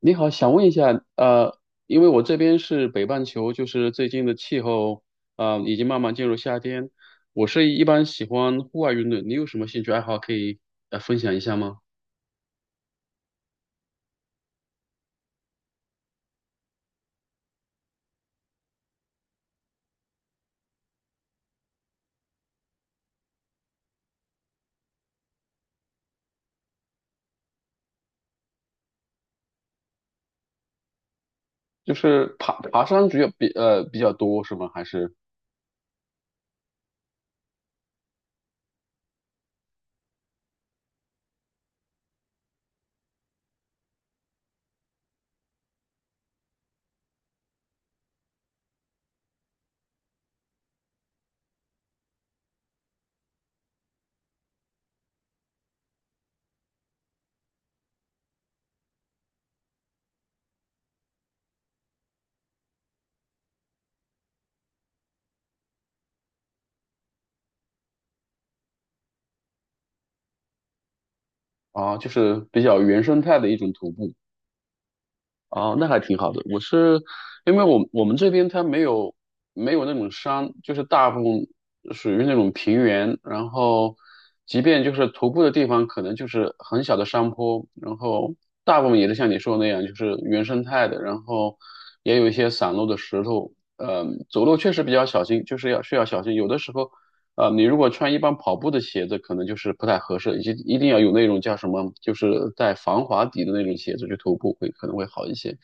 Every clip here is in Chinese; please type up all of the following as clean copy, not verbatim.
你好，想问一下，因为我这边是北半球，就是最近的气候，已经慢慢进入夏天。我是一般喜欢户外运动，你有什么兴趣爱好可以分享一下吗？就是爬山主要比较多是吗？还是啊，就是比较原生态的一种徒步？哦，那还挺好的。我是因为我们这边它没有那种山，就是大部分属于那种平原，然后即便就是徒步的地方，可能就是很小的山坡，然后大部分也是像你说的那样，就是原生态的，然后也有一些散落的石头。走路确实比较小心，就是需要小心。有的时候啊，你如果穿一般跑步的鞋子，可能就是不太合适，一定要有那种叫什么，就是带防滑底的那种鞋子去徒步会可能会好一些。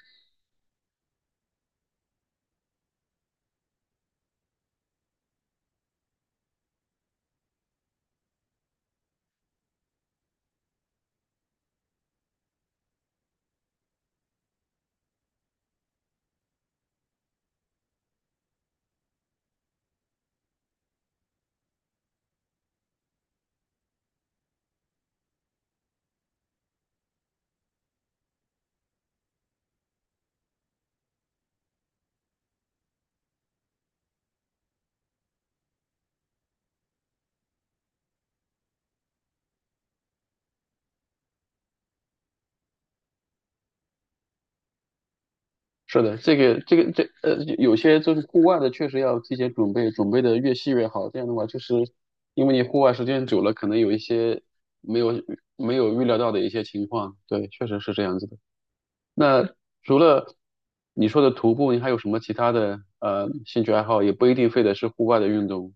是的，这个,有些就是户外的，确实要提前准备，准备的越细越好。这样的话，就是因为你户外时间久了，可能有一些没有没有预料到的一些情况。对，确实是这样子的。那除了你说的徒步，你还有什么其他的兴趣爱好？也不一定非得是户外的运动。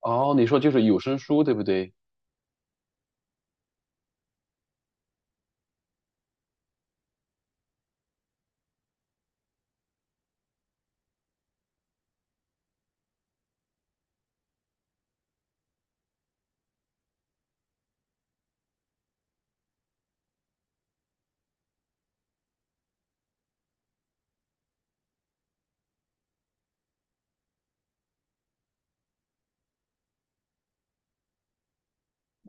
哦，你说就是有声书，对不对？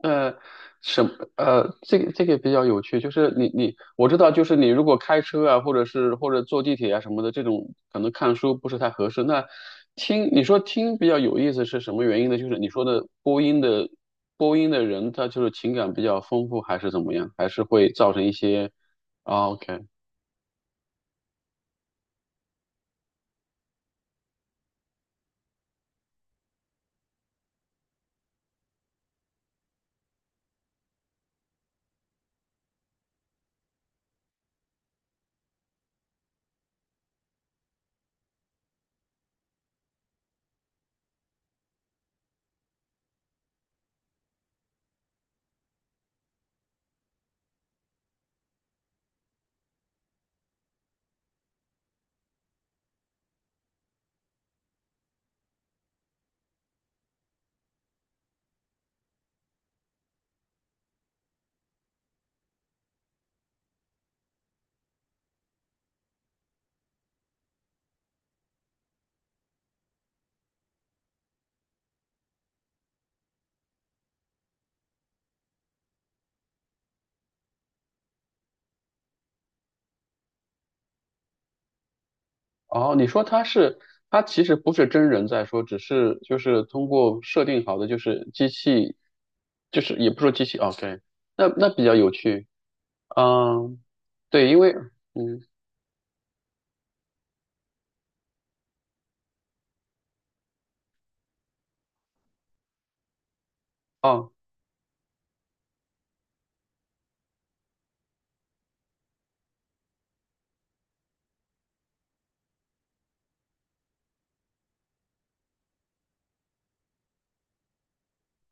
呃，什这个这个比较有趣，就是你我知道，就是你如果开车啊，或者是或者坐地铁啊什么的，这种可能看书不是太合适。那听你说听比较有意思是什么原因呢？就是你说的播音的人，他就是情感比较丰富，还是怎么样？还是会造成一些啊？OK，哦，你说他是，他其实不是真人在说，只是就是通过设定好的，就是机器，就是也不说机器哦，OK，那那比较有趣，嗯，对，因为，嗯，哦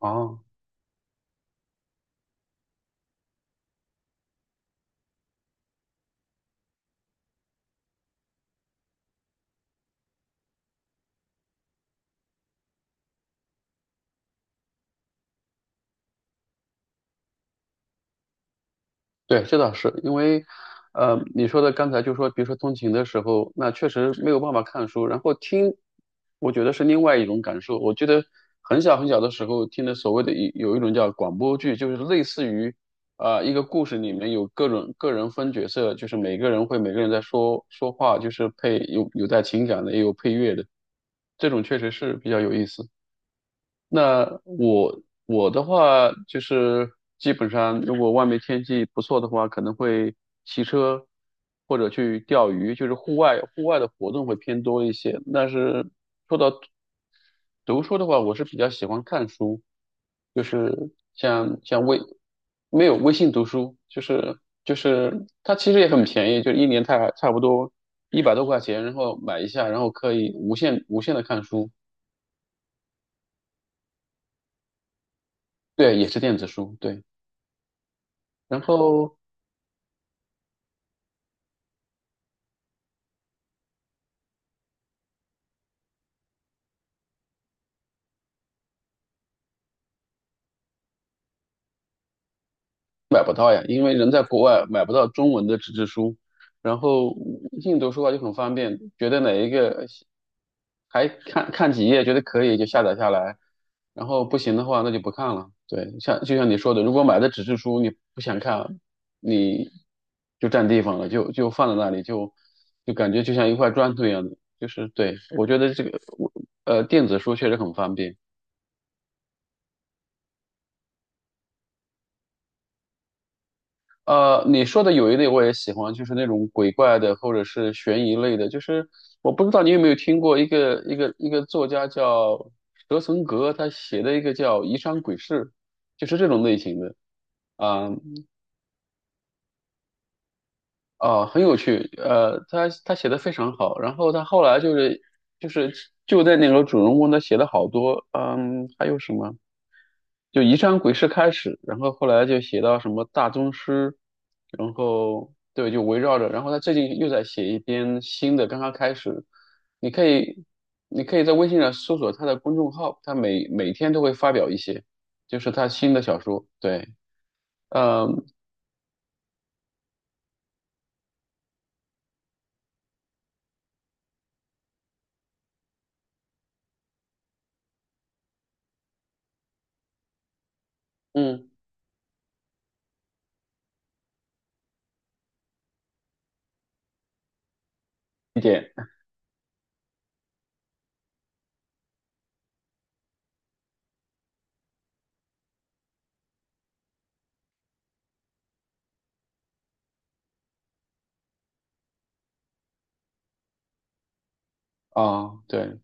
哦。对，这倒是因为，你说的刚才就说，比如说通勤的时候，那确实没有办法看书，然后听，我觉得是另外一种感受。我觉得很小很小的时候听的所谓的一有一种叫广播剧，就是类似于，啊、一个故事里面有各种个人分角色，就是每个人在说说话，就是配有带情感的，也有配乐的，这种确实是比较有意思。那我的话就是基本上，如果外面天气不错的话，可能会骑车或者去钓鱼，就是户外的活动会偏多一些。但是读书的话，我是比较喜欢看书，就是像微没有微信读书，就是就是它其实也很便宜，就一年差不多100多块钱，然后买一下，然后可以无限的看书，对，也是电子书，对。然后买不到呀，因为人在国外买不到中文的纸质书，然后硬读书的话就很方便，觉得哪一个还看看几页，觉得可以就下载下来，然后不行的话那就不看了。对，像就像你说的，如果买的纸质书你不想看，你就占地方了，就放在那里，就感觉就像一块砖头一样的，就是对，我觉得这个电子书确实很方便。呃，你说的有一类我也喜欢，就是那种鬼怪的或者是悬疑类的。就是我不知道你有没有听过一个作家叫蛇存格，他写的一个叫《疑山鬼事》，就是这种类型的啊啊、很有趣。呃，他写的非常好，然后他后来就是就在那个主人公他写了好多，嗯，还有什么？就《宜山鬼事》开始，然后后来就写到什么大宗师，然后对，就围绕着，然后他最近又在写一篇新的，刚刚开始，你可以你可以在微信上搜索他的公众号，他每天都会发表一些，就是他新的小说，对，嗯嗯，一点啊，对。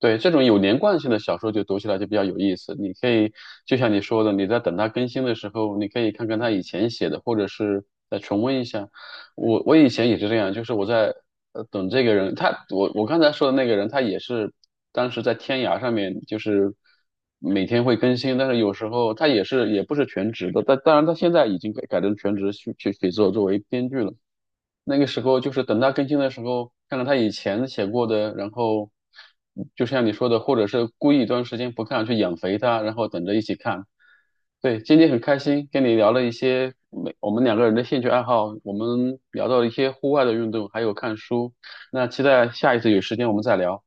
对，这种有连贯性的小说就读起来就比较有意思。你可以就像你说的，你在等它更新的时候，你可以看看他以前写的，或者是再重温一下。我以前也是这样，就是我在等这个人，他我刚才说的那个人，他也是当时在天涯上面，就是每天会更新，但是有时候他也是也不是全职的，但当然他现在已经改成全职去写作作为编剧了。那个时候就是等他更新的时候，看看他以前写过的，然后就像你说的，或者是故意一段时间不看，去养肥它，然后等着一起看。对，今天很开心跟你聊了一些每我们两个人的兴趣爱好，我们聊到了一些户外的运动，还有看书。那期待下一次有时间我们再聊。